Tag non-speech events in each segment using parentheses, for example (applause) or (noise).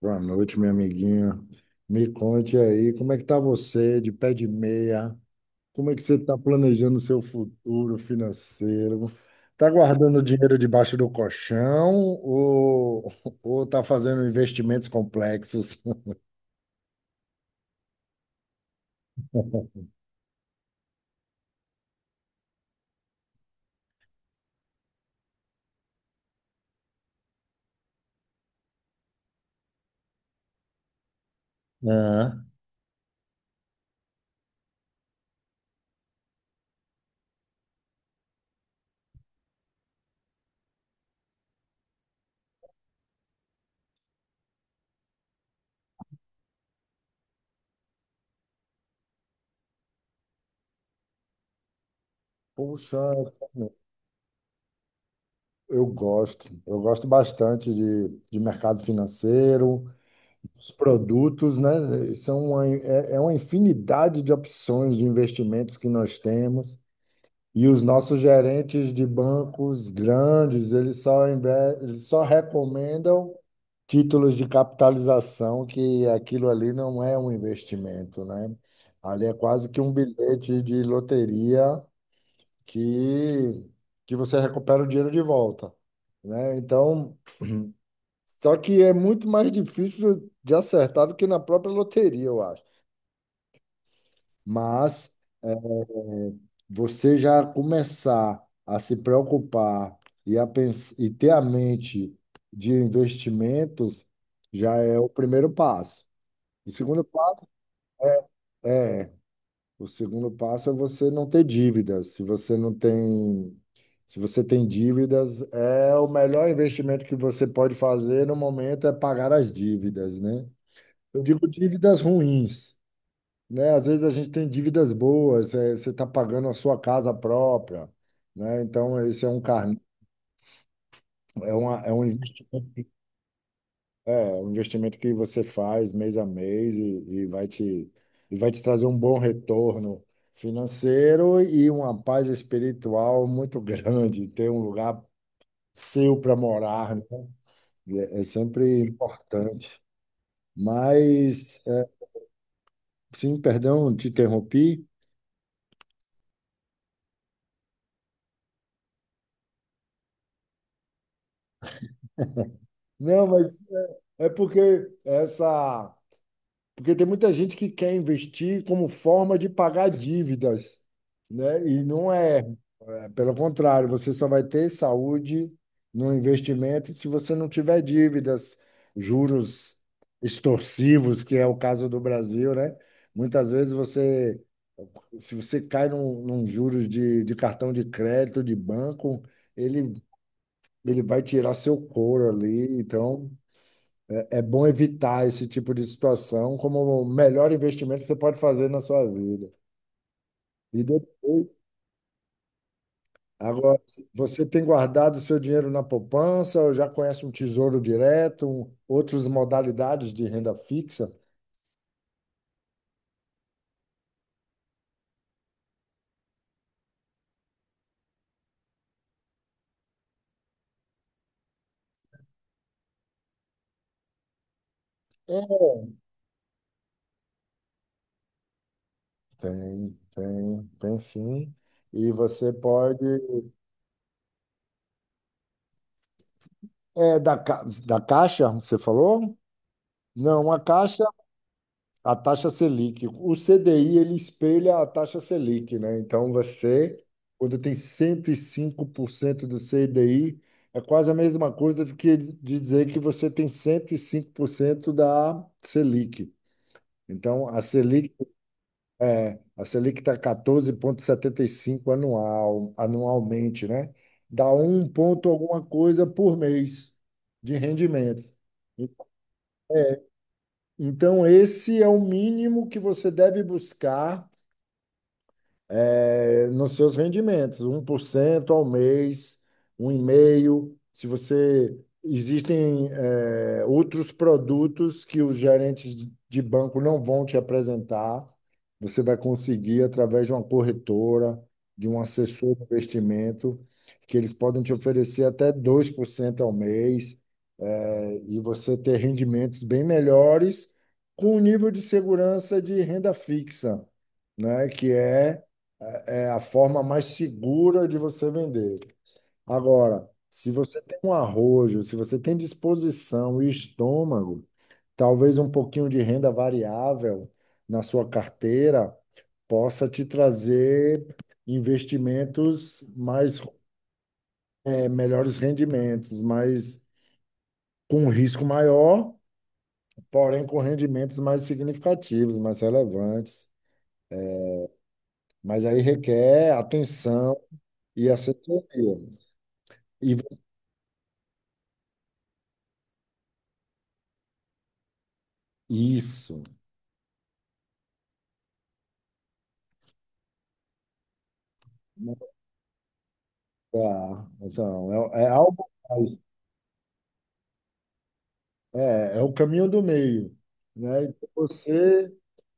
Boa noite, minha amiguinha. Me conte aí, como é que tá você de pé de meia? Como é que você está planejando seu futuro financeiro? Tá guardando dinheiro debaixo do colchão ou (laughs) ou tá fazendo investimentos complexos? (laughs) É. Puxa, eu gosto. Eu gosto bastante de mercado financeiro, os produtos, né? São é uma infinidade de opções de investimentos que nós temos. E os nossos gerentes de bancos grandes, eles só recomendam títulos de capitalização, que aquilo ali não é um investimento, né? Ali é quase que um bilhete de loteria que, que você recupera o dinheiro de volta, né? Então, só que é muito mais difícil de acertar do que na própria loteria, eu acho. Mas. Você já começar a se preocupar e ter a mente de investimentos já é o primeiro passo. O segundo passo é, é, o segundo passo é você não ter dívidas. Se você não tem, se você tem dívidas, é o melhor investimento que você pode fazer no momento é pagar as dívidas, né? Eu digo dívidas ruins, né? Às vezes a gente tem dívidas boas, você está pagando a sua casa própria, né? Então, esse é um carne, é uma, é um investi- é, é um investimento que você faz mês a mês e e vai te trazer um bom retorno financeiro e uma paz espiritual muito (laughs) grande, ter um lugar seu para morar, né? É, é sempre importante. Mas, sim, perdão, te interrompi. Não, mas é porque essa. Porque tem muita gente que quer investir como forma de pagar dívidas, né? E não é, é, pelo contrário, você só vai ter saúde no investimento se você não tiver dívidas, juros extorsivos, que é o caso do Brasil, né? Muitas vezes você, se você cai num juros de cartão de crédito, de banco, ele, ele vai tirar seu couro ali, então é bom evitar esse tipo de situação como o melhor investimento que você pode fazer na sua vida. E depois, agora, você tem guardado seu dinheiro na poupança ou já conhece um tesouro direto, outras modalidades de renda fixa? É, tem sim. E você pode. É da Caixa, você falou? Não, a taxa Selic. O CDI, ele espelha a taxa Selic, né? Então, você, quando tem 105% do CDI, é quase a mesma coisa do que de dizer que você tem 105% da Selic. Então, a Selic está 14,75 anual, anualmente, né? Dá um ponto alguma coisa por mês de rendimentos. Então, esse é o mínimo que você deve buscar nos seus rendimentos, 1% ao mês, um 1,5%. Se você. Existem, outros produtos que os gerentes de banco não vão te apresentar, você vai conseguir através de uma corretora, de um assessor de investimento, que eles podem te oferecer até 2% ao mês e você ter rendimentos bem melhores com o nível de segurança de renda fixa, né? Que é, é é a forma mais segura de você vender. Agora, se você tem um arrojo, se você tem disposição e estômago, talvez um pouquinho de renda variável na sua carteira possa te trazer investimentos mais, melhores rendimentos, mas com um risco maior porém com rendimentos mais significativos, mais relevantes. Mas aí requer atenção e assessoria. E isso. Tá. Então, é, é algo mais. É o caminho do meio, né? Então, Você,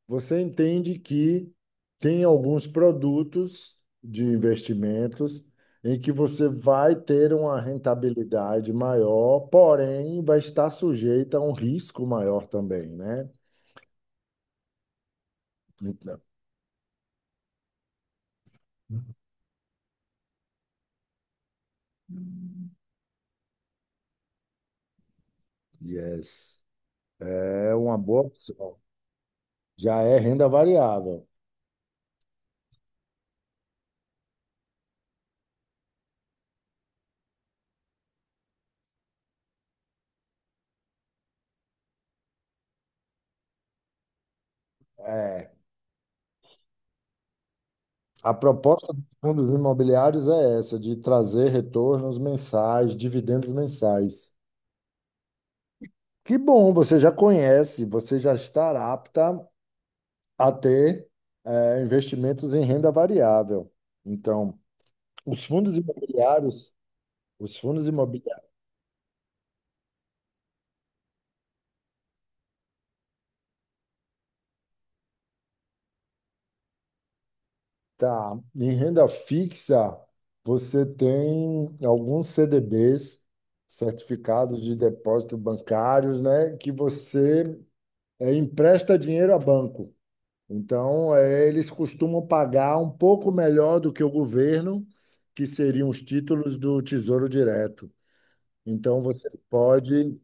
você entende que tem alguns produtos de investimentos em que você vai ter uma rentabilidade maior, porém vai estar sujeita a um risco maior também, né? Então, Yes. É uma boa opção. Já é renda variável. É. A proposta dos fundos imobiliários é essa, de trazer retornos mensais, dividendos mensais. Que bom, você já conhece, você já está apta a ter investimentos em renda variável. Então, os fundos imobiliários, os fundos imobiliários. Tá. Em renda fixa, você tem alguns CDBs, certificados de depósito bancários, né, que você empresta dinheiro a banco. Então, eles costumam pagar um pouco melhor do que o governo, que seriam os títulos do Tesouro Direto. Então, você pode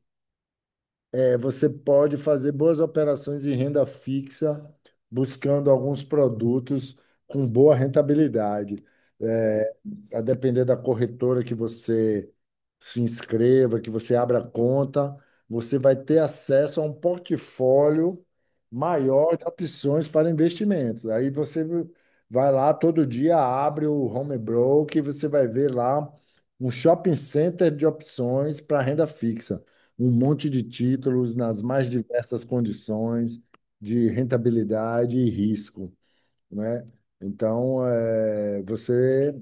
é, você pode fazer boas operações em renda fixa, buscando alguns produtos com boa rentabilidade. É, a depender da corretora que você se inscreva, que você abra conta, você vai ter acesso a um portfólio maior de opções para investimentos. Aí você vai lá todo dia, abre o home broker, e você vai ver lá um shopping center de opções para renda fixa um monte de títulos nas mais diversas condições de rentabilidade e risco, né? Então, você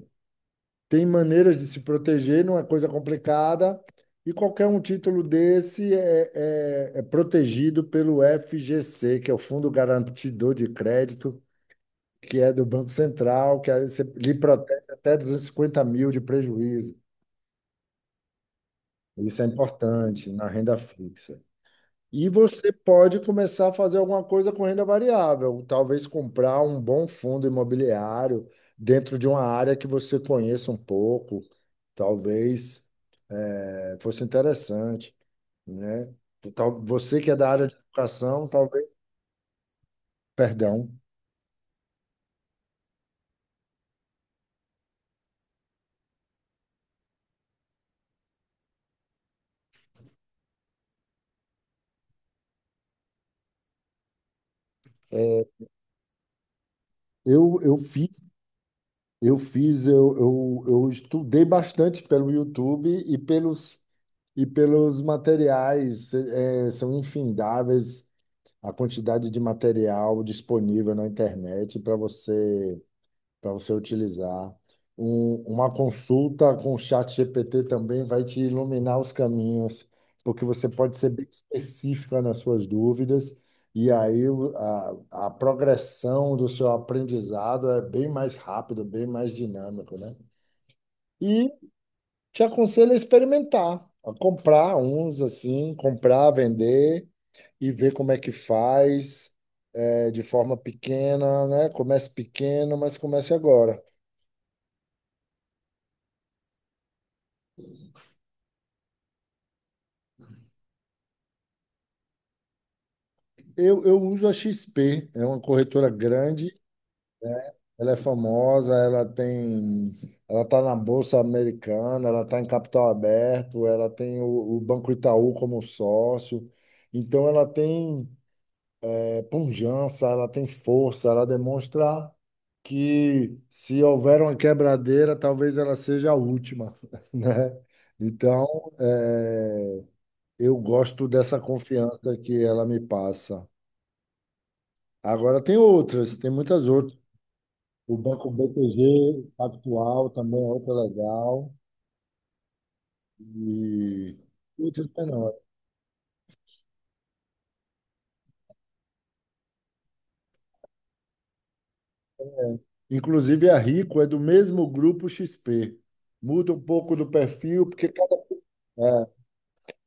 tem maneiras de se proteger, não é coisa complicada, e qualquer um título desse é, é protegido pelo FGC, que é o Fundo Garantidor de Crédito, que é do Banco Central, que aí você lhe protege até 250 mil de prejuízo. Isso é importante na renda fixa. E você pode começar a fazer alguma coisa com renda variável, talvez comprar um bom fundo imobiliário dentro de uma área que você conheça um pouco, talvez fosse interessante, né? Você que é da área de educação, talvez, perdão, é, eu fiz, eu fiz, eu estudei bastante pelo YouTube e e pelos materiais, são infindáveis a quantidade de material disponível na internet para você utilizar. Uma consulta com o chat GPT também vai te iluminar os caminhos, porque você pode ser bem específica nas suas dúvidas, e aí a progressão do seu aprendizado é bem mais rápido, bem mais dinâmico, né? E te aconselho a experimentar, a comprar uns assim, comprar, vender e ver como é que faz de forma pequena, né? Comece pequeno, mas comece agora. Eu uso a XP, é uma corretora grande, ela é famosa, ela tem, ela está na Bolsa Americana, ela está em capital aberto, ela tem o Banco Itaú como sócio. Então ela tem pujança, ela tem força, ela demonstra que se houver uma quebradeira, talvez ela seja a última, (laughs) né? Então, é, eu gosto dessa confiança que ela me passa. Agora tem outras, tem muitas outras. O Banco BTG Pactual também é outra legal. E outras menores. Inclusive a Rico é do mesmo grupo XP. Muda um pouco do perfil, porque cada. É.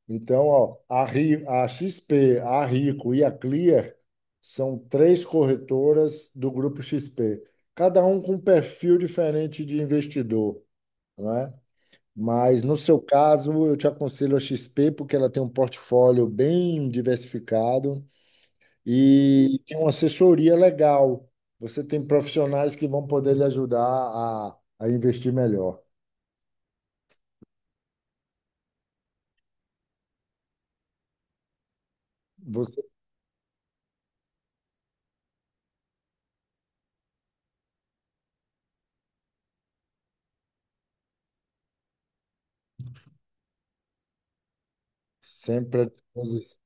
Então, ó, a XP, a Rico e a Clear são três corretoras do grupo XP. Cada um com um perfil diferente de investidor, né? Mas no seu caso, eu te aconselho a XP porque ela tem um portfólio bem diversificado e tem uma assessoria legal. Você tem profissionais que vão poder lhe ajudar a investir melhor. Você sempre à disposi-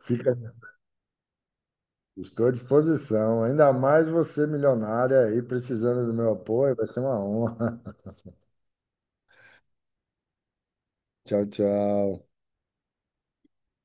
fica, estou à disposição. Ainda mais você milionária aí precisando do meu apoio, vai ser uma honra. (laughs) Tchau, tchau.